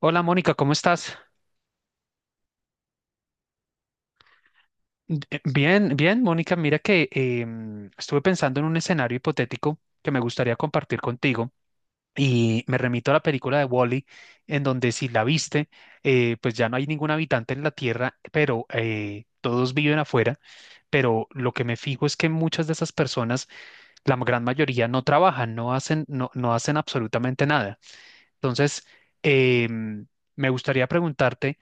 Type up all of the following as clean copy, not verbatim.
Hola Mónica, ¿cómo estás? Bien, bien, Mónica, mira que estuve pensando en un escenario hipotético que me gustaría compartir contigo y me remito a la película de Wall-E, en donde si la viste, pues ya no hay ningún habitante en la Tierra, pero todos viven afuera, pero lo que me fijo es que muchas de esas personas, la gran mayoría, no trabajan, no hacen, no hacen absolutamente nada. Entonces, eh, mm, me gustaría preguntarte.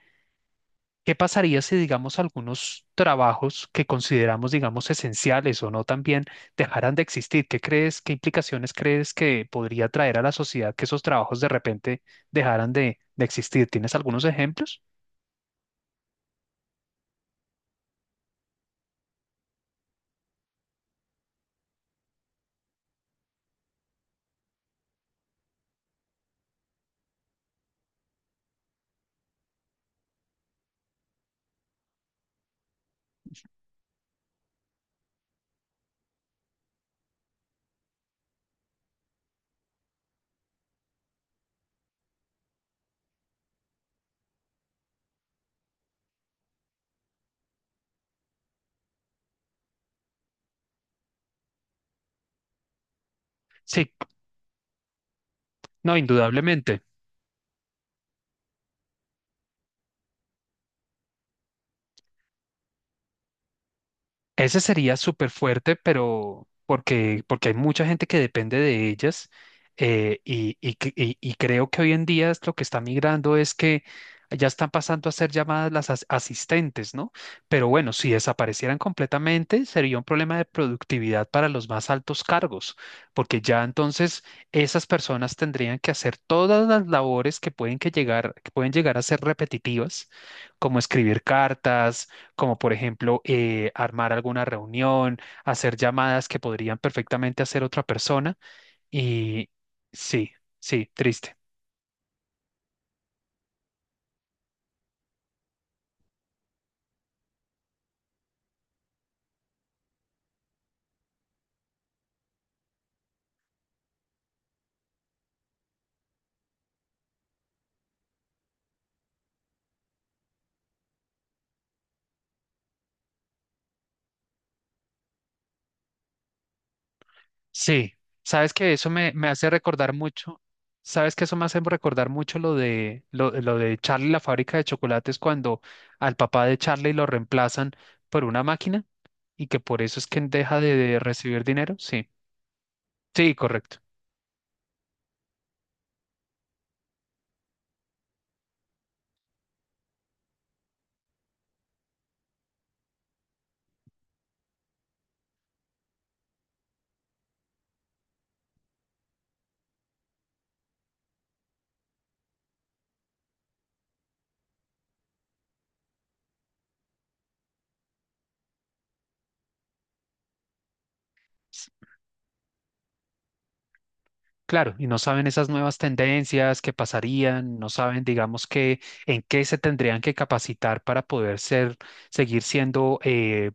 ¿Qué pasaría si, digamos, algunos trabajos que consideramos, digamos, esenciales o no también dejaran de existir? ¿Qué crees, qué implicaciones crees que podría traer a la sociedad que esos trabajos de repente dejaran de existir? ¿Tienes algunos ejemplos? Sí, no, indudablemente. Ese sería súper fuerte, pero porque, porque hay mucha gente que depende de ellas. Y creo que hoy en día es lo que está migrando es que ya están pasando a ser llamadas las asistentes, ¿no? Pero bueno, si desaparecieran completamente, sería un problema de productividad para los más altos cargos, porque ya entonces esas personas tendrían que hacer todas las labores que pueden, que pueden llegar a ser repetitivas, como escribir cartas, como por ejemplo armar alguna reunión, hacer llamadas que podrían perfectamente hacer otra persona. Y sí, sí, triste. Sí, sabes que eso me hace recordar mucho, sabes que eso me hace recordar mucho lo lo de Charlie, y la fábrica de chocolates, cuando al papá de Charlie lo reemplazan por una máquina y que por eso es que deja de recibir dinero. Sí, sí, correcto. Claro, y no saben esas nuevas tendencias que pasarían, no saben, digamos, que en qué se tendrían que capacitar para poder ser, seguir siendo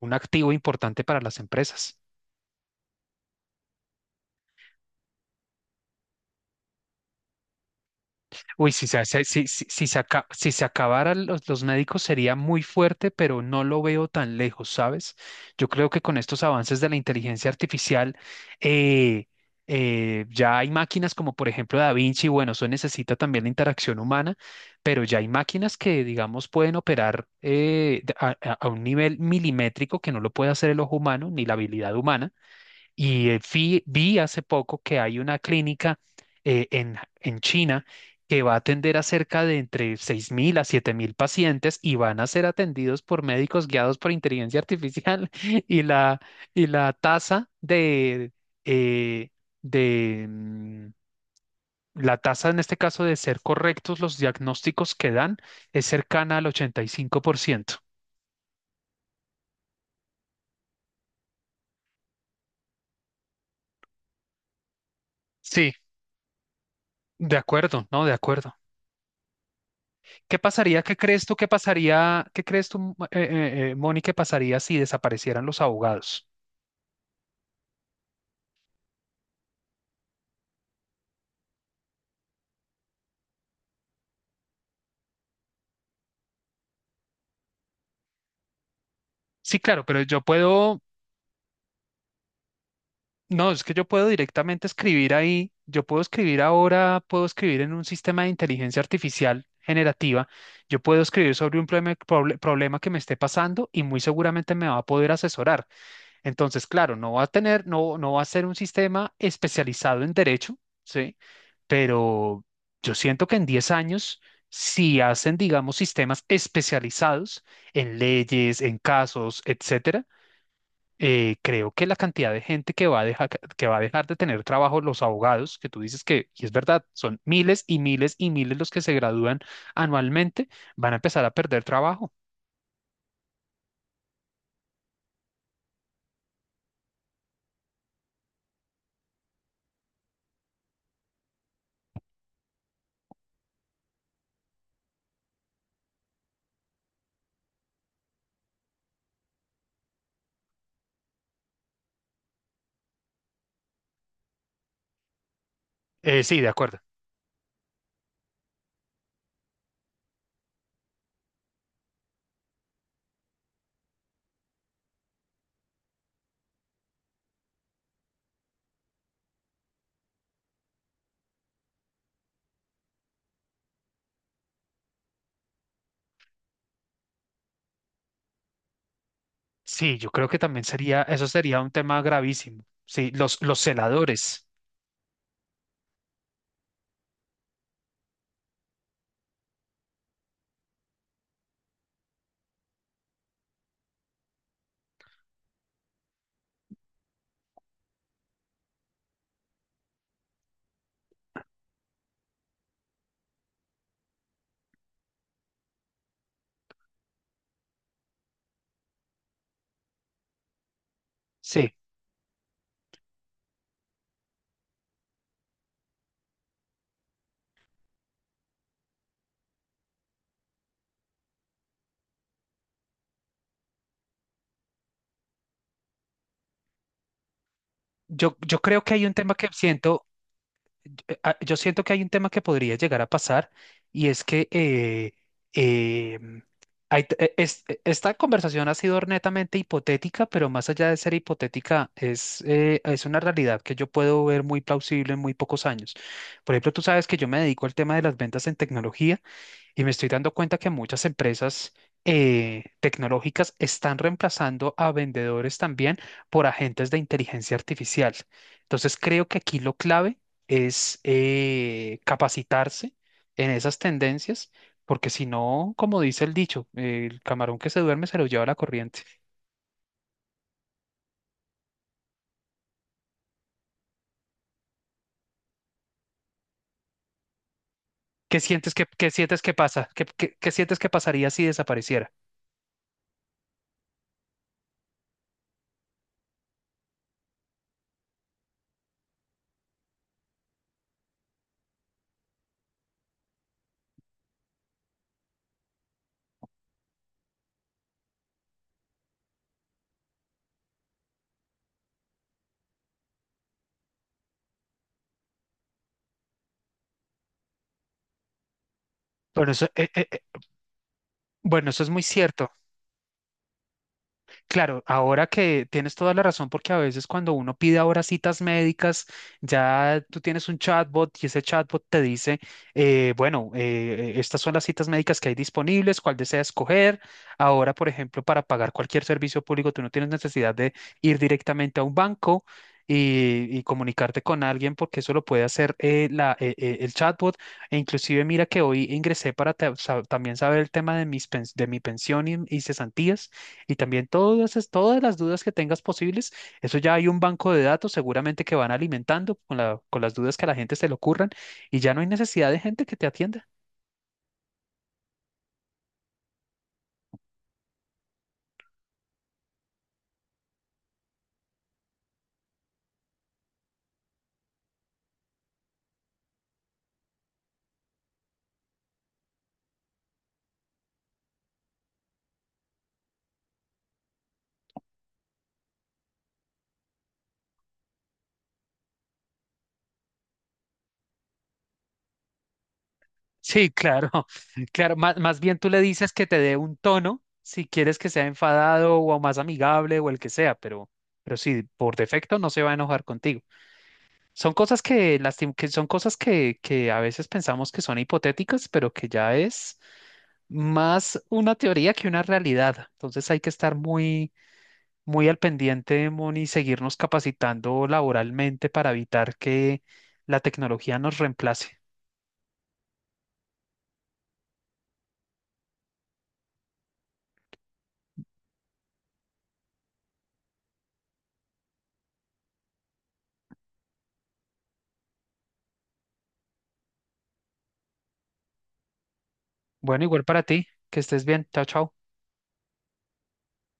un activo importante para las empresas. Uy, si se, hace- si, si, si se, aca- si se acabaran los médicos sería muy fuerte, pero no lo veo tan lejos, ¿sabes? Yo creo que con estos avances de la inteligencia artificial, eh, ya hay máquinas como por ejemplo Da Vinci, bueno, eso necesita también la interacción humana, pero ya hay máquinas que, digamos, pueden operar a un nivel milimétrico que no lo puede hacer el ojo humano ni la habilidad humana. Y hace poco que hay una clínica en China que va a atender a cerca de entre 6.000 a 7.000 pacientes y van a ser atendidos por médicos guiados por inteligencia artificial y la, y la tasa eh, de la tasa en este caso de ser correctos los diagnósticos que dan es cercana al 85%. Sí, de acuerdo, no, de acuerdo. ¿Qué pasaría? ¿Qué crees tú que pasaría? ¿Qué crees tú, Moni, que pasaría si desaparecieran los abogados? Sí, claro, pero yo puedo, no, es que yo puedo directamente escribir ahí, yo puedo escribir ahora, puedo escribir en un sistema de inteligencia artificial generativa, yo puedo escribir sobre un problema que me esté pasando y muy seguramente me va a poder asesorar. Entonces, claro, no va a tener, no, no va a ser un sistema especializado en derecho, ¿sí? Pero yo siento que en 10 años, si hacen, digamos, sistemas especializados en leyes, en casos, etcétera, creo que la cantidad de gente que va a dejar, que va a dejar de tener trabajo, los abogados, que tú dices que, y es verdad, son miles y miles y miles los que se gradúan anualmente, van a empezar a perder trabajo. Sí, de acuerdo. Sí, yo creo que también sería, eso sería un tema gravísimo. Sí, los celadores. Sí, yo creo que hay un tema que siento, yo siento que hay un tema que podría llegar a pasar y es que eh, esta conversación ha sido netamente hipotética, pero más allá de ser hipotética, es una realidad que yo puedo ver muy plausible en muy pocos años. Por ejemplo, tú sabes que yo me dedico al tema de las ventas en tecnología. Y me estoy dando cuenta que muchas empresas tecnológicas están reemplazando a vendedores también por agentes de inteligencia artificial. Entonces creo que aquí lo clave es capacitarse en esas tendencias, porque si no, como dice el dicho, el camarón que se duerme se lo lleva la corriente. Qué sientes que pasa? ¿Qué, qué sientes que pasaría si desapareciera? Bueno, eso, eh, eh, eh, bueno, eso es muy cierto. Claro, ahora que tienes toda la razón, porque a veces cuando uno pide ahora citas médicas, ya tú tienes un chatbot y ese chatbot te dice, bueno, estas son las citas médicas que hay disponibles, cuál desea escoger. Ahora, por ejemplo, para pagar cualquier servicio público, tú no tienes necesidad de ir directamente a un banco y comunicarte con alguien, porque eso lo puede hacer el chatbot. E inclusive, mira que hoy ingresé para también saber el tema de de mi pensión y cesantías. Y también todas las dudas que tengas posibles, eso ya hay un banco de datos seguramente que van alimentando con con las dudas que a la gente se le ocurran y ya no hay necesidad de gente que te atienda. Sí, claro, claro. Más, más bien tú le dices que te dé un tono si quieres que sea enfadado o más amigable o el que sea, pero sí, por defecto no se va a enojar contigo. Son cosas que son cosas que a veces pensamos que son hipotéticas, pero que ya es más una teoría que una realidad. Entonces hay que estar muy muy al pendiente, Moni, seguirnos capacitando laboralmente para evitar que la tecnología nos reemplace. Bueno, igual para ti, que estés bien. Chao, chao.